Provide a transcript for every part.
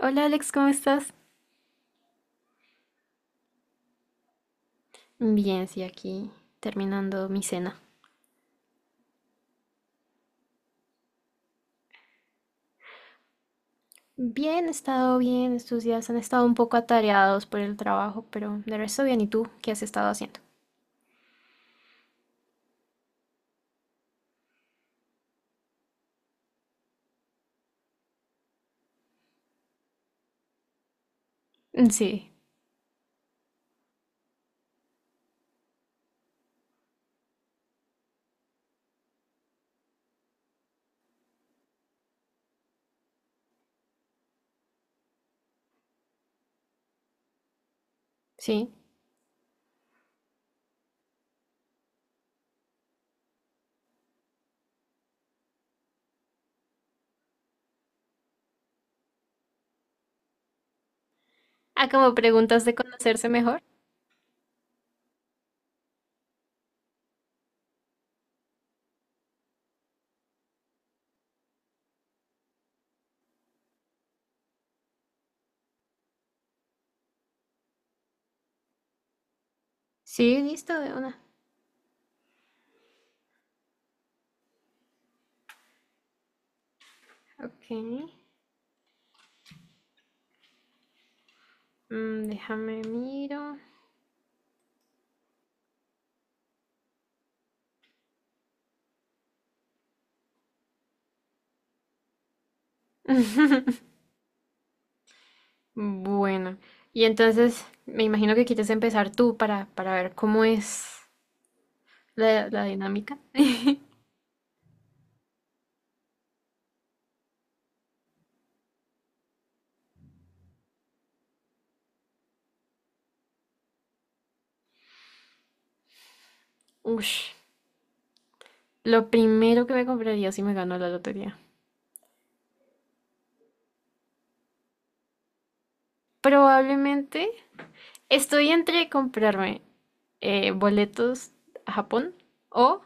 Hola Alex, ¿cómo estás? Bien, sí, aquí terminando mi cena. Bien, he estado bien, estos días han estado un poco atareados por el trabajo, pero de resto bien. ¿Y tú qué has estado haciendo? Mm, Sí, sí. Ah, como preguntas de conocerse mejor. Sí, listo, de una. Ok, mm, déjame miro. Bueno, y entonces me imagino que quieres empezar tú para ver cómo es la dinámica. Ush. Lo primero que me compraría si me gano la lotería. Probablemente estoy entre comprarme boletos a Japón o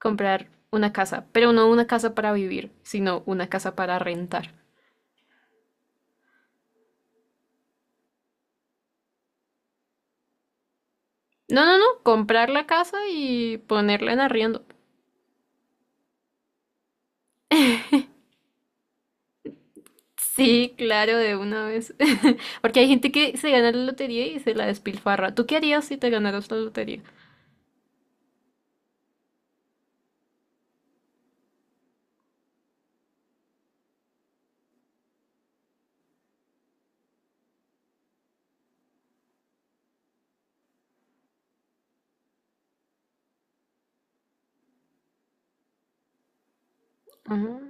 comprar una casa, pero no una casa para vivir, sino una casa para rentar. No, no, no, comprar la casa y ponerla en arriendo. Sí, claro, de una vez. Porque hay gente que se gana la lotería y se la despilfarra. ¿Tú qué harías si te ganaras la lotería? Ah.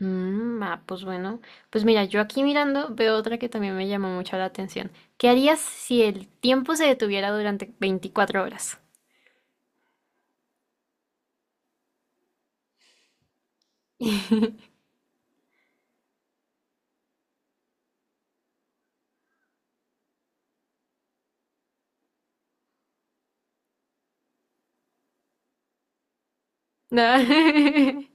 Mm, ah, pues bueno, pues mira, yo aquí mirando veo otra que también me llamó mucho la atención. ¿Qué harías si el tiempo se detuviera durante 24 horas? No.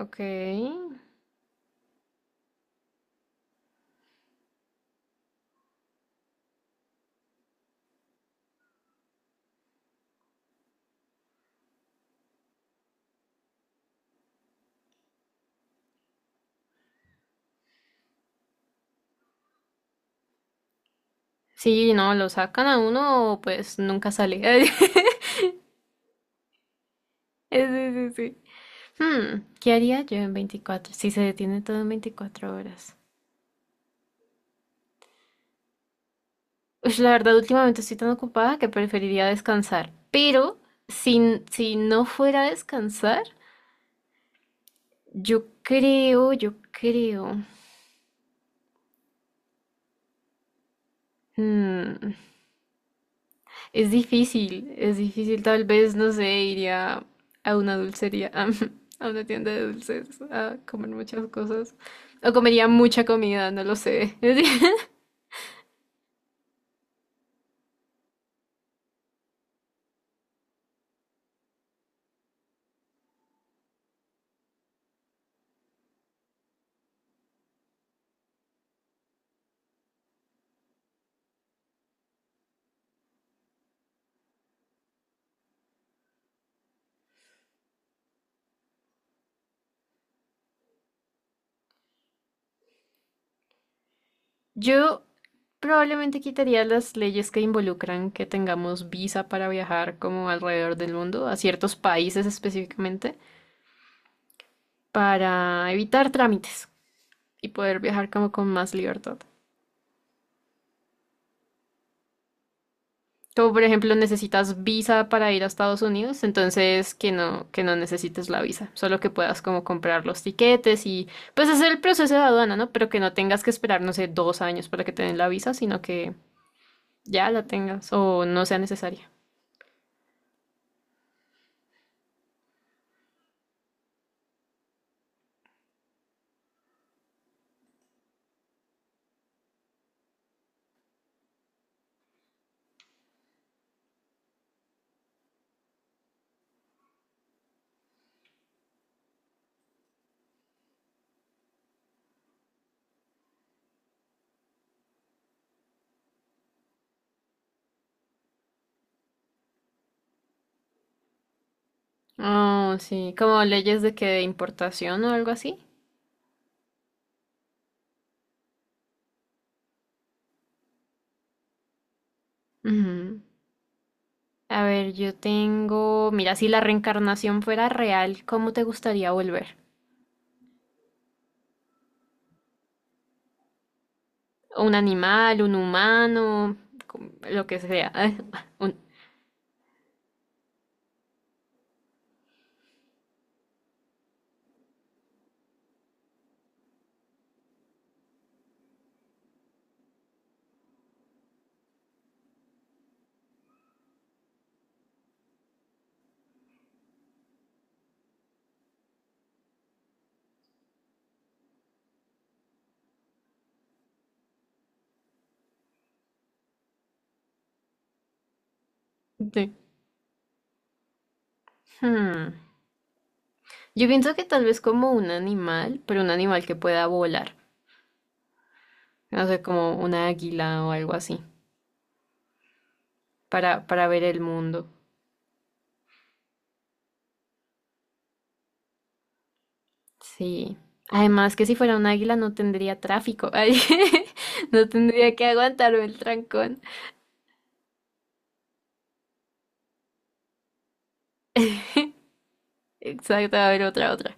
Ok. Sí, no, lo sacan a uno, pues nunca sale. Sí, sí, sí. Hmm, ¿qué haría yo en 24? Si se detiene todo en 24 horas. Ush, la verdad, últimamente estoy tan ocupada que preferiría descansar. Pero si no fuera a descansar, yo creo, yo creo. Mm, es difícil, es difícil. Tal vez, no sé, iría a una dulcería, a, una tienda de dulces, a comer muchas cosas. O comería mucha comida, no lo sé. Yo probablemente quitaría las leyes que involucran que tengamos visa para viajar como alrededor del mundo, a ciertos países específicamente, para evitar trámites y poder viajar como con más libertad. Como por ejemplo necesitas visa para ir a Estados Unidos, entonces que no necesites la visa, solo que puedas como comprar los tiquetes y pues hacer el proceso de aduana, ¿no? Pero que no tengas que esperar, no sé, 2 años para que te den la visa, sino que ya la tengas o no sea necesaria. Oh, sí, como leyes de que de importación o algo así. Ujú. A ver, yo tengo, mira, si la reencarnación fuera real, ¿cómo te gustaría volver? ¿Un animal, un humano, como- lo que sea? Un- De- hmm. Yo pienso que tal vez como un animal, pero un animal que pueda volar. No sé, como una águila o algo así, para ver el mundo. Sí. Además que si fuera un águila no tendría tráfico. Ay, no tendría que aguantarme el trancón. Exacto, a ver otra, otra.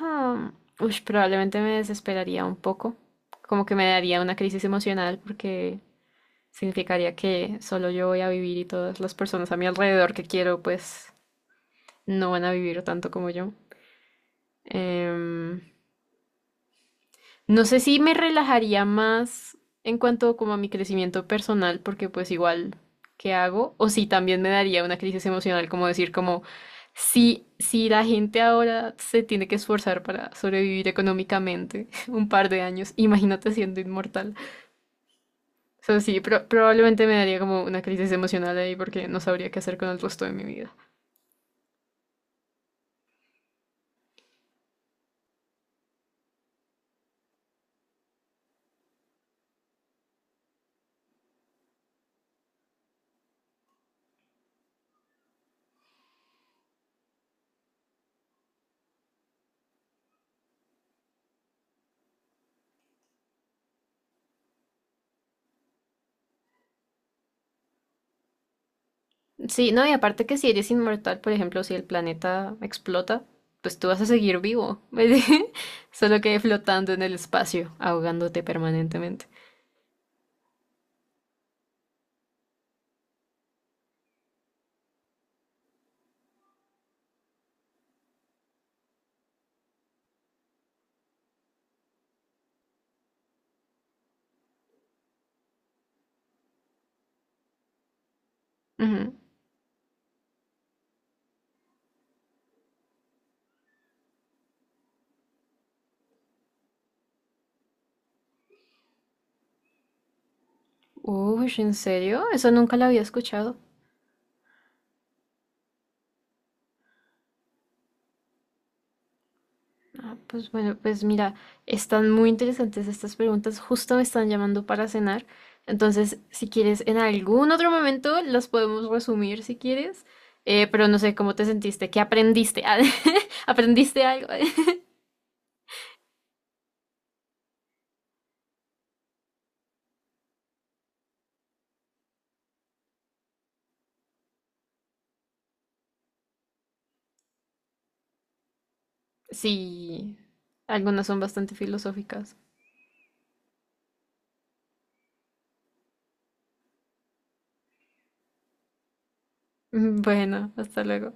Hmm. Ush, probablemente me desesperaría un poco. Como que me daría una crisis emocional porque significaría que solo yo voy a vivir y todas las personas a mi alrededor que quiero, pues no van a vivir tanto como yo. Em, no sé si me relajaría más en cuanto como a mi crecimiento personal, porque pues igual, ¿qué hago? O si también me daría una crisis emocional, como decir como, si la gente ahora se tiene que esforzar para sobrevivir económicamente un par de años, imagínate siendo inmortal. O sea, sí, probablemente me daría como una crisis emocional ahí porque no sabría qué hacer con el resto de mi vida. Sí, no, y aparte que si eres inmortal, por ejemplo, si el planeta explota, pues tú vas a seguir vivo, solo que flotando en el espacio, ahogándote permanentemente. Ujú. Uy, ¿en serio? Eso nunca lo había escuchado. Ah, pues bueno, pues mira, están muy interesantes estas preguntas, justo me están llamando para cenar, entonces si quieres en algún otro momento las podemos resumir si quieres, eh, pero no sé cómo te sentiste, qué aprendiste, ¿aprendiste algo? Sí, algunas son bastante filosóficas. Bueno, hasta luego.